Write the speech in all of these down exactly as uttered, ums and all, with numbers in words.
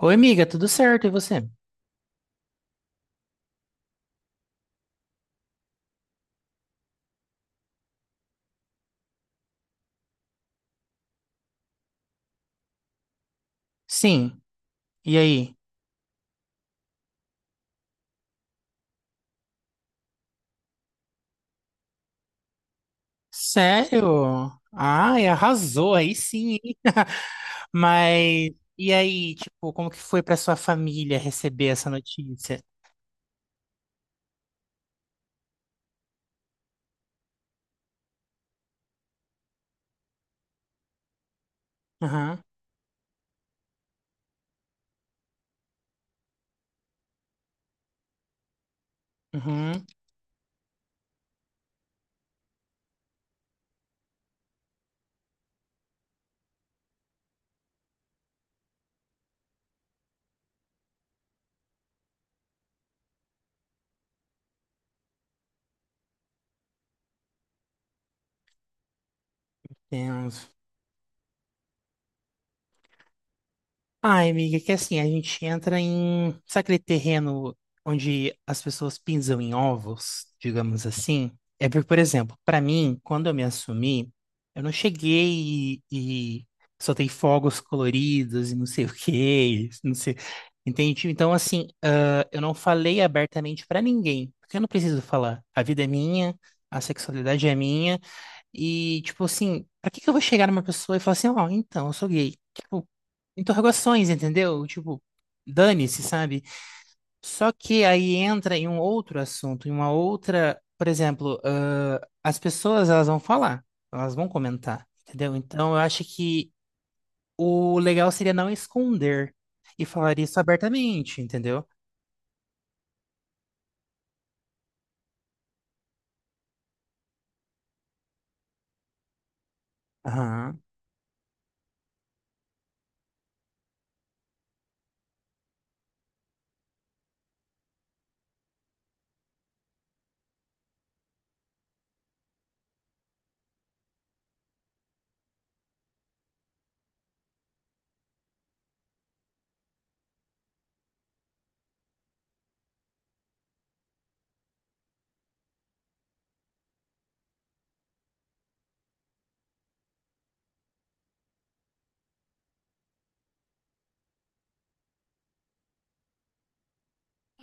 Oi, amiga, tudo certo? E você? Sim. E aí? Sério? Ai, arrasou aí sim, hein? Mas e aí, tipo, como que foi pra sua família receber essa notícia? Aham, uhum, tenso. Ai, amiga, é que assim, a gente entra em, sabe aquele terreno onde as pessoas pisam em ovos, digamos assim? É porque, por exemplo, pra mim, quando eu me assumi, eu não cheguei e, e soltei fogos coloridos e não sei o quê, e não sei, entende? Então, assim, ah, eu não falei abertamente pra ninguém, porque eu não preciso falar. A vida é minha, a sexualidade é minha, e, tipo assim, pra que que eu vou chegar numa pessoa e falar assim, ó, então, eu sou gay? Tipo, interrogações, entendeu? Tipo, dane-se, sabe? Só que aí entra em um outro assunto, em uma outra, por exemplo, ãh, as pessoas, elas vão falar, elas vão comentar, entendeu? Então, eu acho que o legal seria não esconder e falar isso abertamente, entendeu? Aham.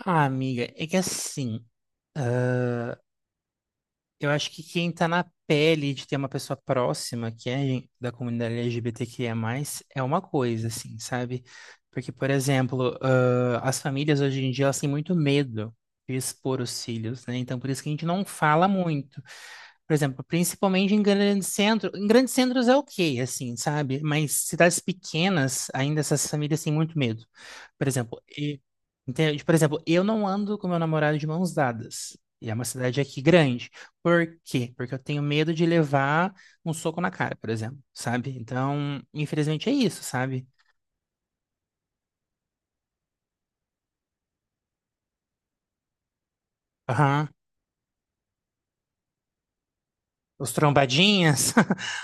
Ah, amiga, é que assim. Eu acho que quem tá na pele de ter uma pessoa próxima que é da comunidade L G B T Q I A mais, é uma coisa, assim, sabe? Porque, por exemplo, ah, as famílias hoje em dia, elas têm muito medo de expor os filhos, né? Então, por isso que a gente não fala muito. Por exemplo, principalmente em grandes centros. Em grandes centros é ok, assim, sabe? Mas cidades pequenas, ainda essas famílias têm muito medo. Por exemplo, e- entende? Por exemplo, eu não ando com meu namorado de mãos dadas. E é uma cidade aqui grande. Por quê? Porque eu tenho medo de levar um soco na cara, por exemplo, sabe? Então, infelizmente é isso, sabe? Aham. Os trombadinhas.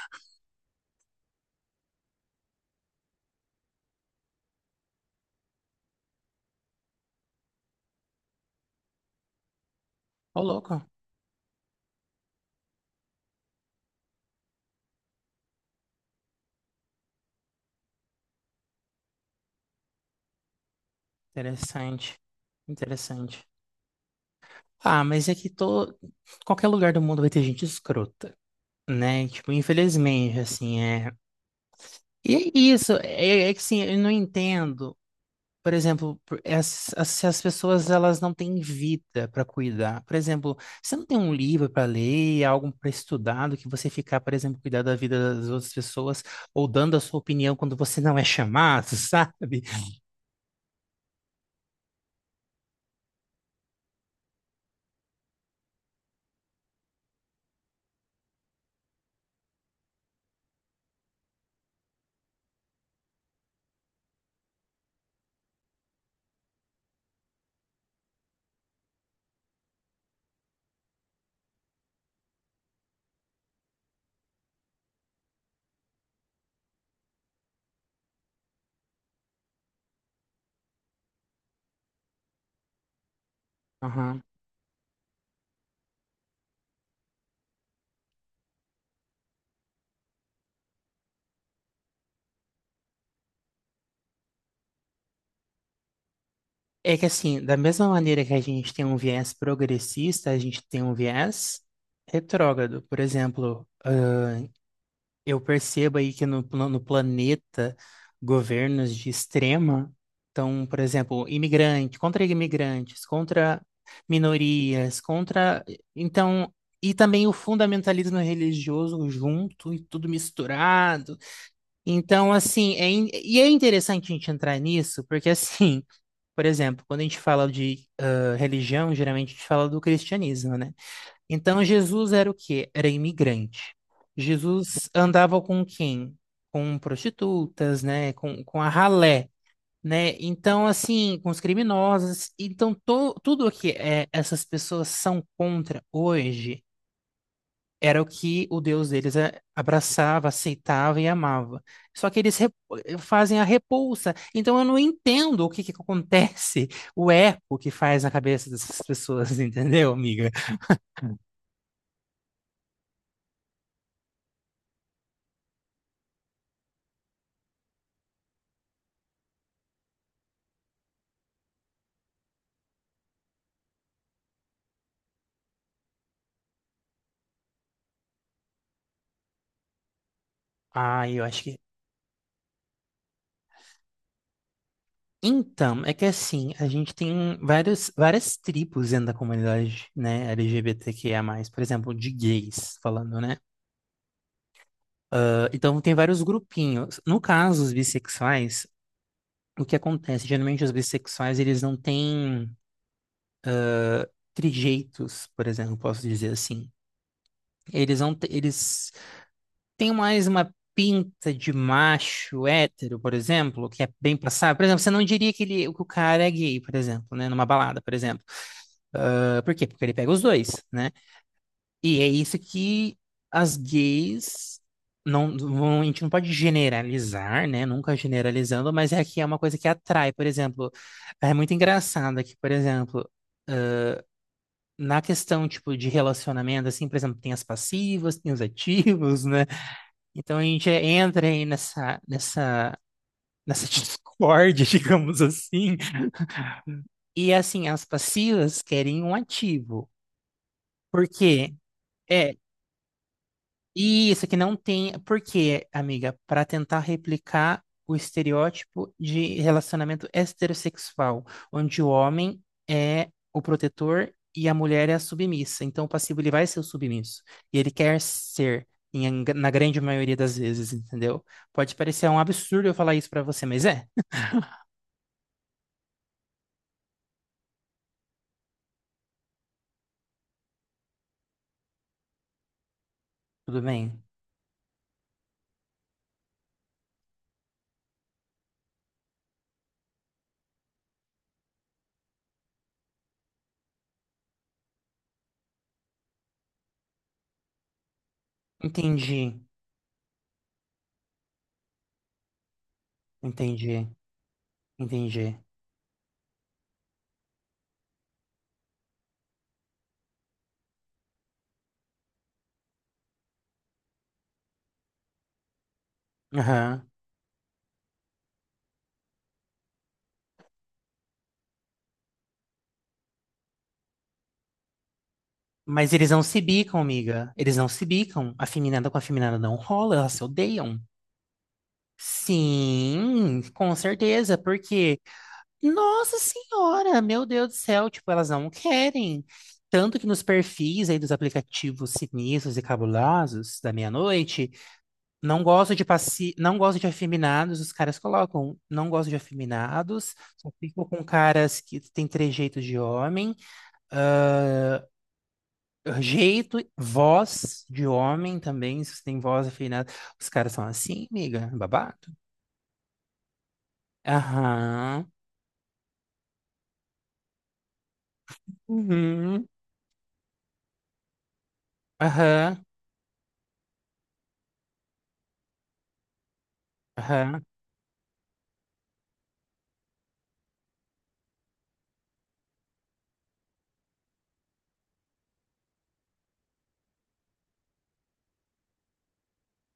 Ô, louco. Interessante. Interessante. Ah, mas é que tô... qualquer lugar do mundo vai ter gente escrota. Né? Tipo, infelizmente, assim, é. E é isso, é, é que assim, eu não entendo, por exemplo, por- as- as- se as pessoas elas não têm vida para cuidar. Por exemplo, você não tem um livro para ler, algo para estudar, do que você ficar, por exemplo, cuidar da vida das outras pessoas ou dando a sua opinião quando você não é chamado, sabe? Aham. É que assim, da mesma maneira que a gente tem um viés progressista, a gente tem um viés retrógrado. Por exemplo, eu percebo aí que no, no no planeta, governos de extrema estão, por exemplo, imigrante, contra imigrantes, contra minorias, contra. Então, e também o fundamentalismo religioso junto e tudo misturado. Então, assim, é in- e é interessante a gente entrar nisso, porque, assim, por exemplo, quando a gente fala de ah, religião, geralmente a gente fala do cristianismo, né? Então Jesus era o quê? Era imigrante. Jesus andava com quem? Com prostitutas, né? Com, com a ralé, né? Então, assim, com os criminosos. Então, to, tudo o que é, essas pessoas são contra hoje era o que o Deus deles é, abraçava, aceitava e amava. Só que eles rep- fazem a repulsa. Então, eu não entendo o que que acontece, o eco que faz na cabeça dessas pessoas, entendeu, amiga? Ah, eu acho que então, é que assim, a gente tem vários, várias tribos dentro da comunidade, né, L G B T Q I A mais, por exemplo, de gays, falando, né? Ah, Então, tem vários grupinhos. No caso, os bissexuais, o que acontece? Geralmente, os bissexuais, eles não têm trejeitos, por exemplo, posso dizer assim. Eles não, te- eles têm mais uma pinta de macho hétero, por exemplo, que é bem passado. Por exemplo, você não diria que, ele, que o cara é gay, por exemplo, né, numa balada, por exemplo. Ah, Por quê? Porque ele pega os dois, né? E é isso que as gays não, não- a gente não pode generalizar, né? Nunca generalizando, mas é que é uma coisa que atrai, por exemplo, é muito engraçado que, por exemplo, na questão tipo de relacionamento, assim, por exemplo, tem as passivas, tem os ativos, né? Então a gente entra aí nessa nessa nessa discórdia, digamos assim. E assim, as passivas querem um ativo. Por quê? É, isso, que não tem. Por quê, amiga? Para tentar replicar o estereótipo de relacionamento heterossexual, onde o homem é o protetor e a mulher é a submissa. Então, o passivo ele vai ser o submisso. E ele quer ser, em- na grande maioria das vezes, entendeu? Pode parecer um absurdo eu falar isso para você, mas é. Tudo bem? Entendi, entendi, entendi. Aham. Mas eles não se bicam, amiga. Eles não se bicam. A feminada com a feminada não rola, elas se odeiam. Sim, com certeza, porque, nossa senhora, meu Deus do céu, tipo, elas não querem. Tanto que nos perfis aí dos aplicativos sinistros e cabulosos da meia-noite, não gosto de passi... não gosto de afeminados, os caras colocam, não gosto de afeminados, só fico com caras que têm trejeitos de homem. Jeito, voz de homem também, se você tem voz afinada. Os caras são assim, amiga, babado. Aham, uhum, aham, aham,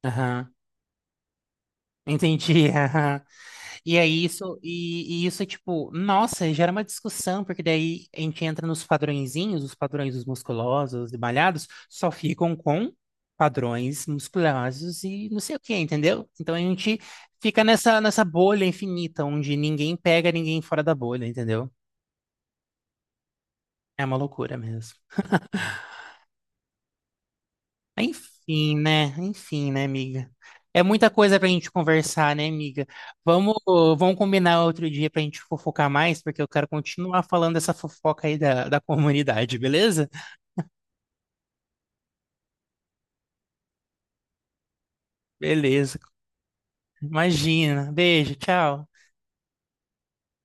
aham. Entendi, aham. E aí isso, e, e isso é tipo, nossa, gera uma discussão, porque daí a gente entra nos padrõezinhos, os padrões dos musculosos, de malhados, só ficam com padrões musculosos e não sei o que, entendeu? Então a gente fica nessa, nessa bolha infinita, onde ninguém pega ninguém fora da bolha, entendeu? É uma loucura mesmo. Enfim, né? Enfim, né, amiga? É muita coisa pra gente conversar, né, amiga? Vamos, vamos combinar outro dia pra gente fofocar mais, porque eu quero continuar falando dessa fofoca aí da, da comunidade, beleza? Beleza. Imagina. Beijo, tchau.